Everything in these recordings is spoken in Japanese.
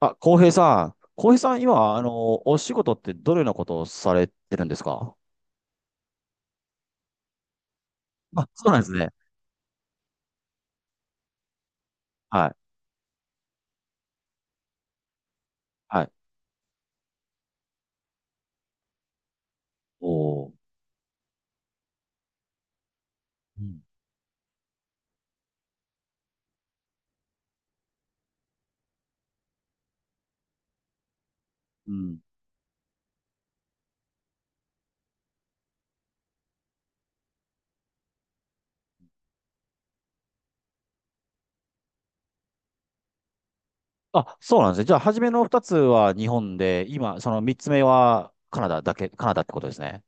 あ、浩平さん。浩平さん、今、お仕事ってどのようなことをされてるんですか？あ、そうなんですね。はい。はい。おー。うん。うん。あ、そうなんですね。じゃあ、初めの二つは日本で、今、その三つ目はカナダだけ、カナダってことですね。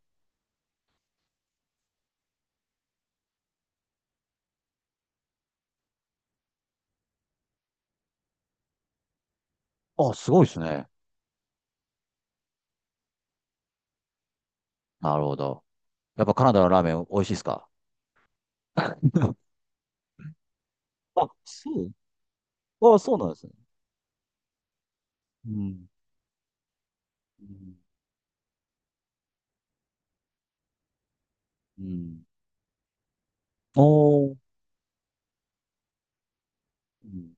あ、すごいですね。なるほど。やっぱカナダのラーメン美味しいですか？ あ、そう。あ、そうなんですね。うん。うん。うん。おー。うん。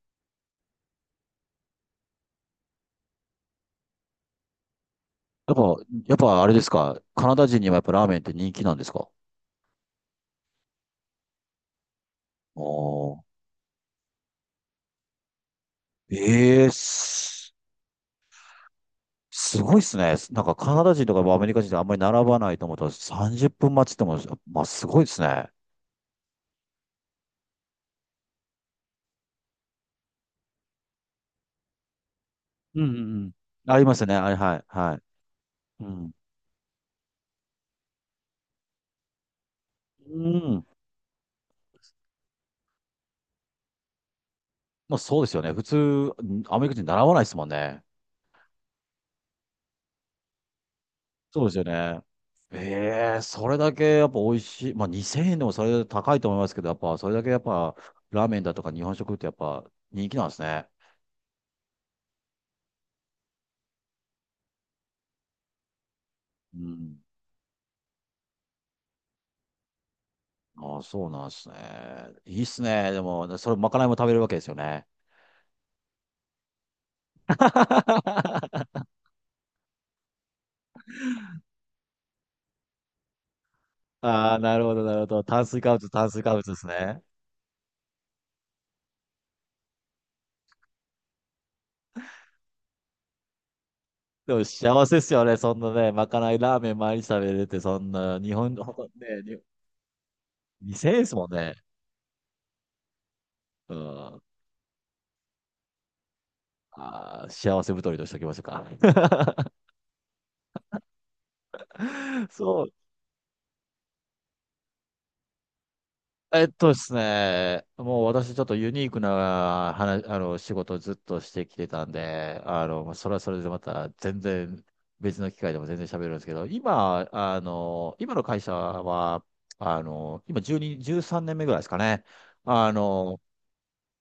やっぱ、やっぱあれですか。カナダ人にはやっぱラーメンって人気なんですか？おー。ええす、すごいっすね。なんかカナダ人とかアメリカ人ってあんまり並ばないと思ったら30分待ちっても、まあすごいっすね。うんうんうん。ありますよね。あれ、はい、はい。うん。うん。まあそうですよね。普通、アメリカ人習わないですもんね。そうですよね。ええ、それだけやっぱ美味しい。まあ2000円でもそれ高いと思いますけど、やっぱそれだけやっぱラーメンだとか日本食ってやっぱ人気なんですね。うん。ああ、そうなんですね。いいっすね。でも、それ、まかないも食べるわけですよね。ああ、なるほど、なるほど。炭水化物ですね。でも幸せですよね。そんなね、まかないラーメン毎日食べれて、そんな、日本、ほんとね、に2000円ですもんね。うん。ああ、幸せ太りとしておきましょうか。そう、えっとですね、もう私ちょっとユニークな話、仕事をずっとしてきてたんで、まあそれはそれでまた全然別の機会でも全然喋るんですけど、今、今の会社は、今12、13年目ぐらいですかね。あの、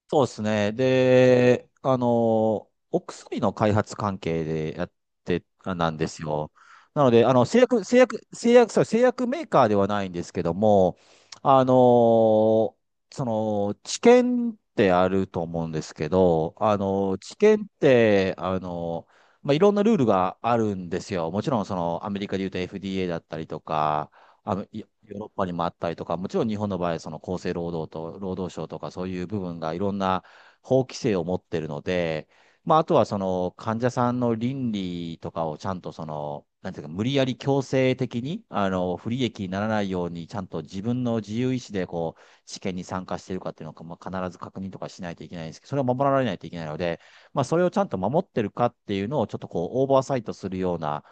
そうですね。で、お薬の開発関係でやって、あなんですよ。なので、製薬メーカーではないんですけども、あの、その、治験ってあると思うんですけど、治験って、まあ、いろんなルールがあるんですよ。もちろん、その、アメリカで言うと FDA だったりとか、いヨーロッパにもあったりとか、もちろん日本の場合、その厚生労働と労働省とかそういう部分がいろんな法規制を持ってるので、まあ、あとはその患者さんの倫理とかをちゃんとその、なんていうか、無理やり強制的に、不利益にならないように、ちゃんと自分の自由意志で、こう、試験に参加しているかっていうのを、まあ、必ず確認とかしないといけないんですけど、それを守られないといけないので、まあ、それをちゃんと守ってるかっていうのを、ちょっとこう、オーバーサイトするような、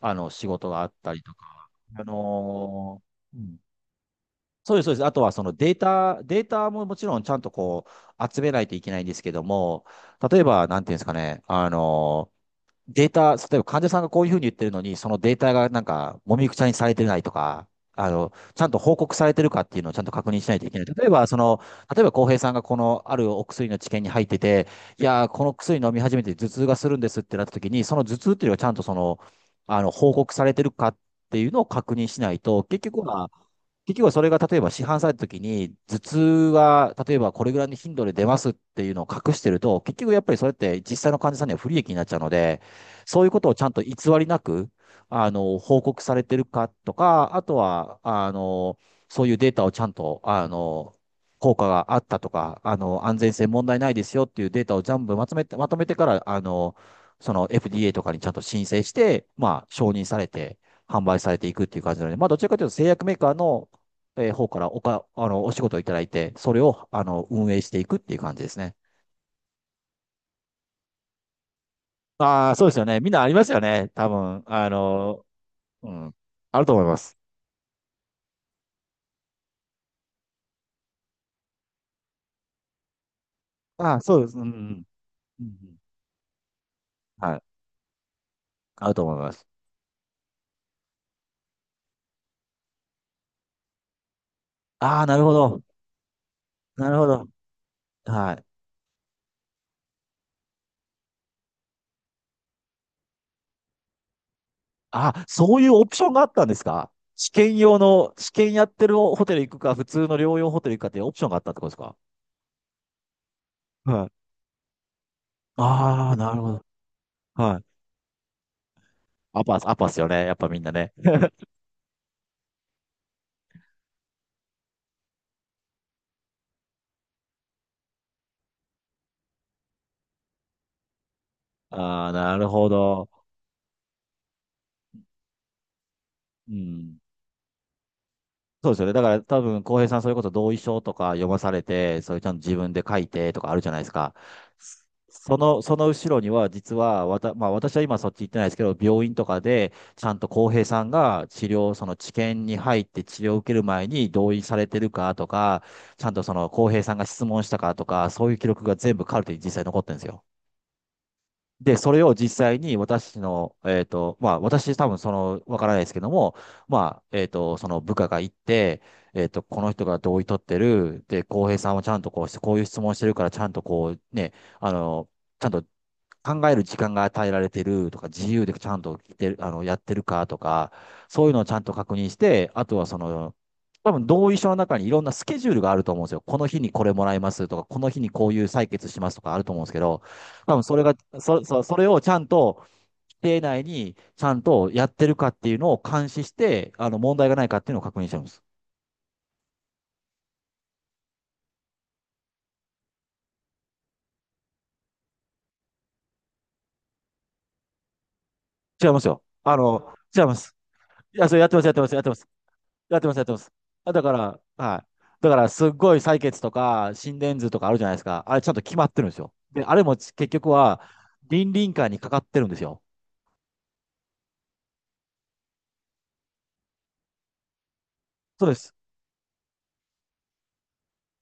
仕事があったりとか、あのーうんそうです、そうです。あとはそのデータ、データももちろんちゃんとこう集めないといけないんですけども、例えば、なんていうんですかね、データ、例えば患者さんがこういうふうに言ってるのに、そのデータがなんか、もみくちゃにされてないとか、ちゃんと報告されてるかっていうのをちゃんと確認しないといけない。例えば、その、例えば、浩平さんがこのあるお薬の治験に入ってて、いやー、この薬飲み始めて頭痛がするんですってなった時に、その頭痛っていうのがちゃんとその、報告されてるかっていうのを確認しないと、結局はそれが例えば市販された時に、頭痛は例えばこれぐらいの頻度で出ますっていうのを隠してると、結局やっぱりそれって実際の患者さんには不利益になっちゃうので、そういうことをちゃんと偽りなく、報告されてるかとか、あとは、そういうデータをちゃんと、効果があったとか、安全性問題ないですよっていうデータを全部まとめて、まとめてから、その FDA とかにちゃんと申請して、まあ、承認されて、販売されていくっていう感じなので、まあ、どちらかというと製薬メーカーのえー方からおか、お仕事をいただいて、それを、運営していくっていう感じですね。ああ、そうですよね。みんなありますよね。多分、うん。あると思います。ああ、そうです。うん、うん。うんうん。はい。あると思います。ああ、なるほど。なるほど。はい。あ、そういうオプションがあったんですか？試験用の、試験やってるホテル行くか、普通の療養ホテル行くかっていうオプションがあったってことですか？はい。ああ、なるほど。はい。アパス、アパスよね。やっぱみんなね。ああ、なるほど。うん。そうですよね。だから多分、浩平さん、それこそ同意書とか読まされて、それちゃんと自分で書いてとかあるじゃないですか。そその、その後ろには、実は、わた、まあ私は今そっち行ってないですけど、病院とかで、ちゃんと浩平さんが治療、その治験に入って治療を受ける前に同意されてるかとか、ちゃんとその浩平さんが質問したかとか、そういう記録が全部カルテに実際残ってるんですよ。で、それを実際に私の、えっと、まあ、私多分その、わからないですけども、まあ、えっと、その部下が行って、えっと、この人が同意取ってる、で、浩平さんはちゃんとこうして、こういう質問してるから、ちゃんとこう、ね、あの、ちゃんと考える時間が与えられてるとか、自由でちゃんと来てる、やってるかとか、そういうのをちゃんと確認して、あとはその、多分同意書の中にいろんなスケジュールがあると思うんですよ。この日にこれもらいますとか、この日にこういう採決しますとかあると思うんですけど、多分それが、それをちゃんと、規定内にちゃんとやってるかっていうのを監視して、問題がないかっていうのを確認してるんです。違いますよ。違います。いや、それやってます、やってます、やってます。やってます、やってます。あ、だから、はい。だから、すっごい採血とか、心電図とかあるじゃないですか。あれ、ちゃんと決まってるんですよ。で、あれも結局は、倫理委員会にかかってるんですよ。そうです。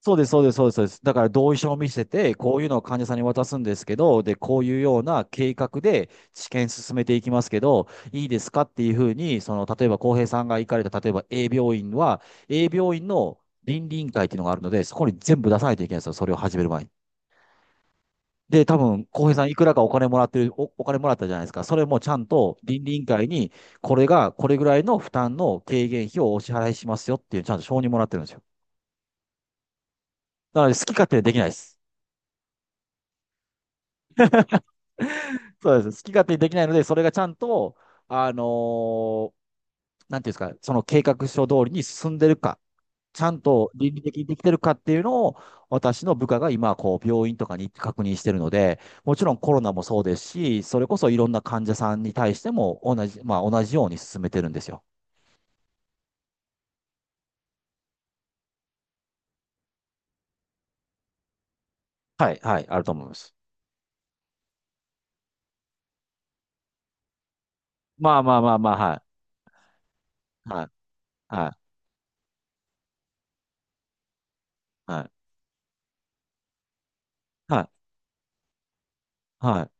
そうです。だから、同意書を見せて、こういうのを患者さんに渡すんですけど、で、こういうような計画で治験進めていきますけど、いいですかっていうふうに、その、例えば、浩平さんが行かれた、例えば A 病院は、A 病院の倫理委員会っていうのがあるので、そこに全部出さないといけないんですよ。それを始める前に。で、多分、浩平さんいくらかお金もらってる、お、お金もらったじゃないですか。それもちゃんと倫理委員会に、これが、これぐらいの負担の軽減費をお支払いしますよっていう、ちゃんと承認もらってるんですよ。なので、好き勝手にできないです。そうです。好き勝手にできないので、それがちゃんと、あのーなんていうんですか、その計画書通りに進んでるか。ちゃんと倫理的にできてるかっていうのを、私の部下が今、こう、病院とかに行って確認してるので、もちろんコロナもそうですし、それこそいろんな患者さんに対しても同じ、まあ同じように進めてるんですよ。はい、はい、あると思います。はい、はい、はい、はい、はい、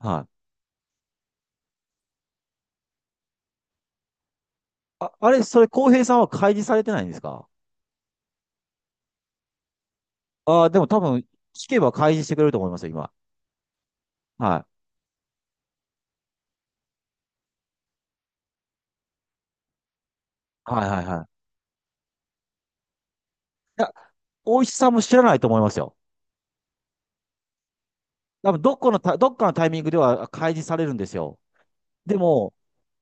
はい。あ、あれ、それ、浩平さんは開示されてないんですか？ああ、でも多分、聞けば開示してくれると思いますよ、今。はい。はいはいはい。いや、大石さんも知らないと思いますよ。多分、どっかのタイミングでは開示されるんですよ。でも、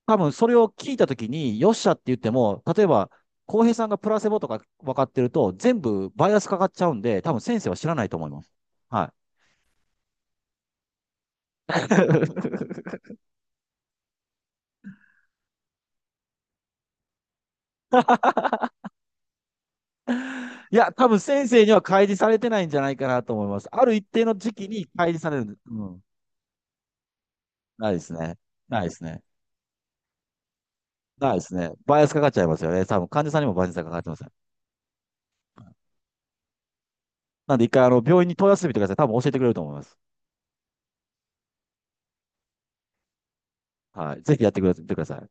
多分それを聞いたときに、よっしゃって言っても、例えば、浩平さんがプラセボとか分かってると、全部バイアスかかっちゃうんで、多分先生は知らないと思います。はい。いや、多分先生には開示されてないんじゃないかなと思います。ある一定の時期に開示される。うん。ないですね。ないですね。ないですね。バイアスかかっちゃいますよね。多分患者さんにもバイアスがかかってます。なんで一回あの病院に問い合わせてみてください。多分教えてくれると思います。はい。ぜひやってくれてください。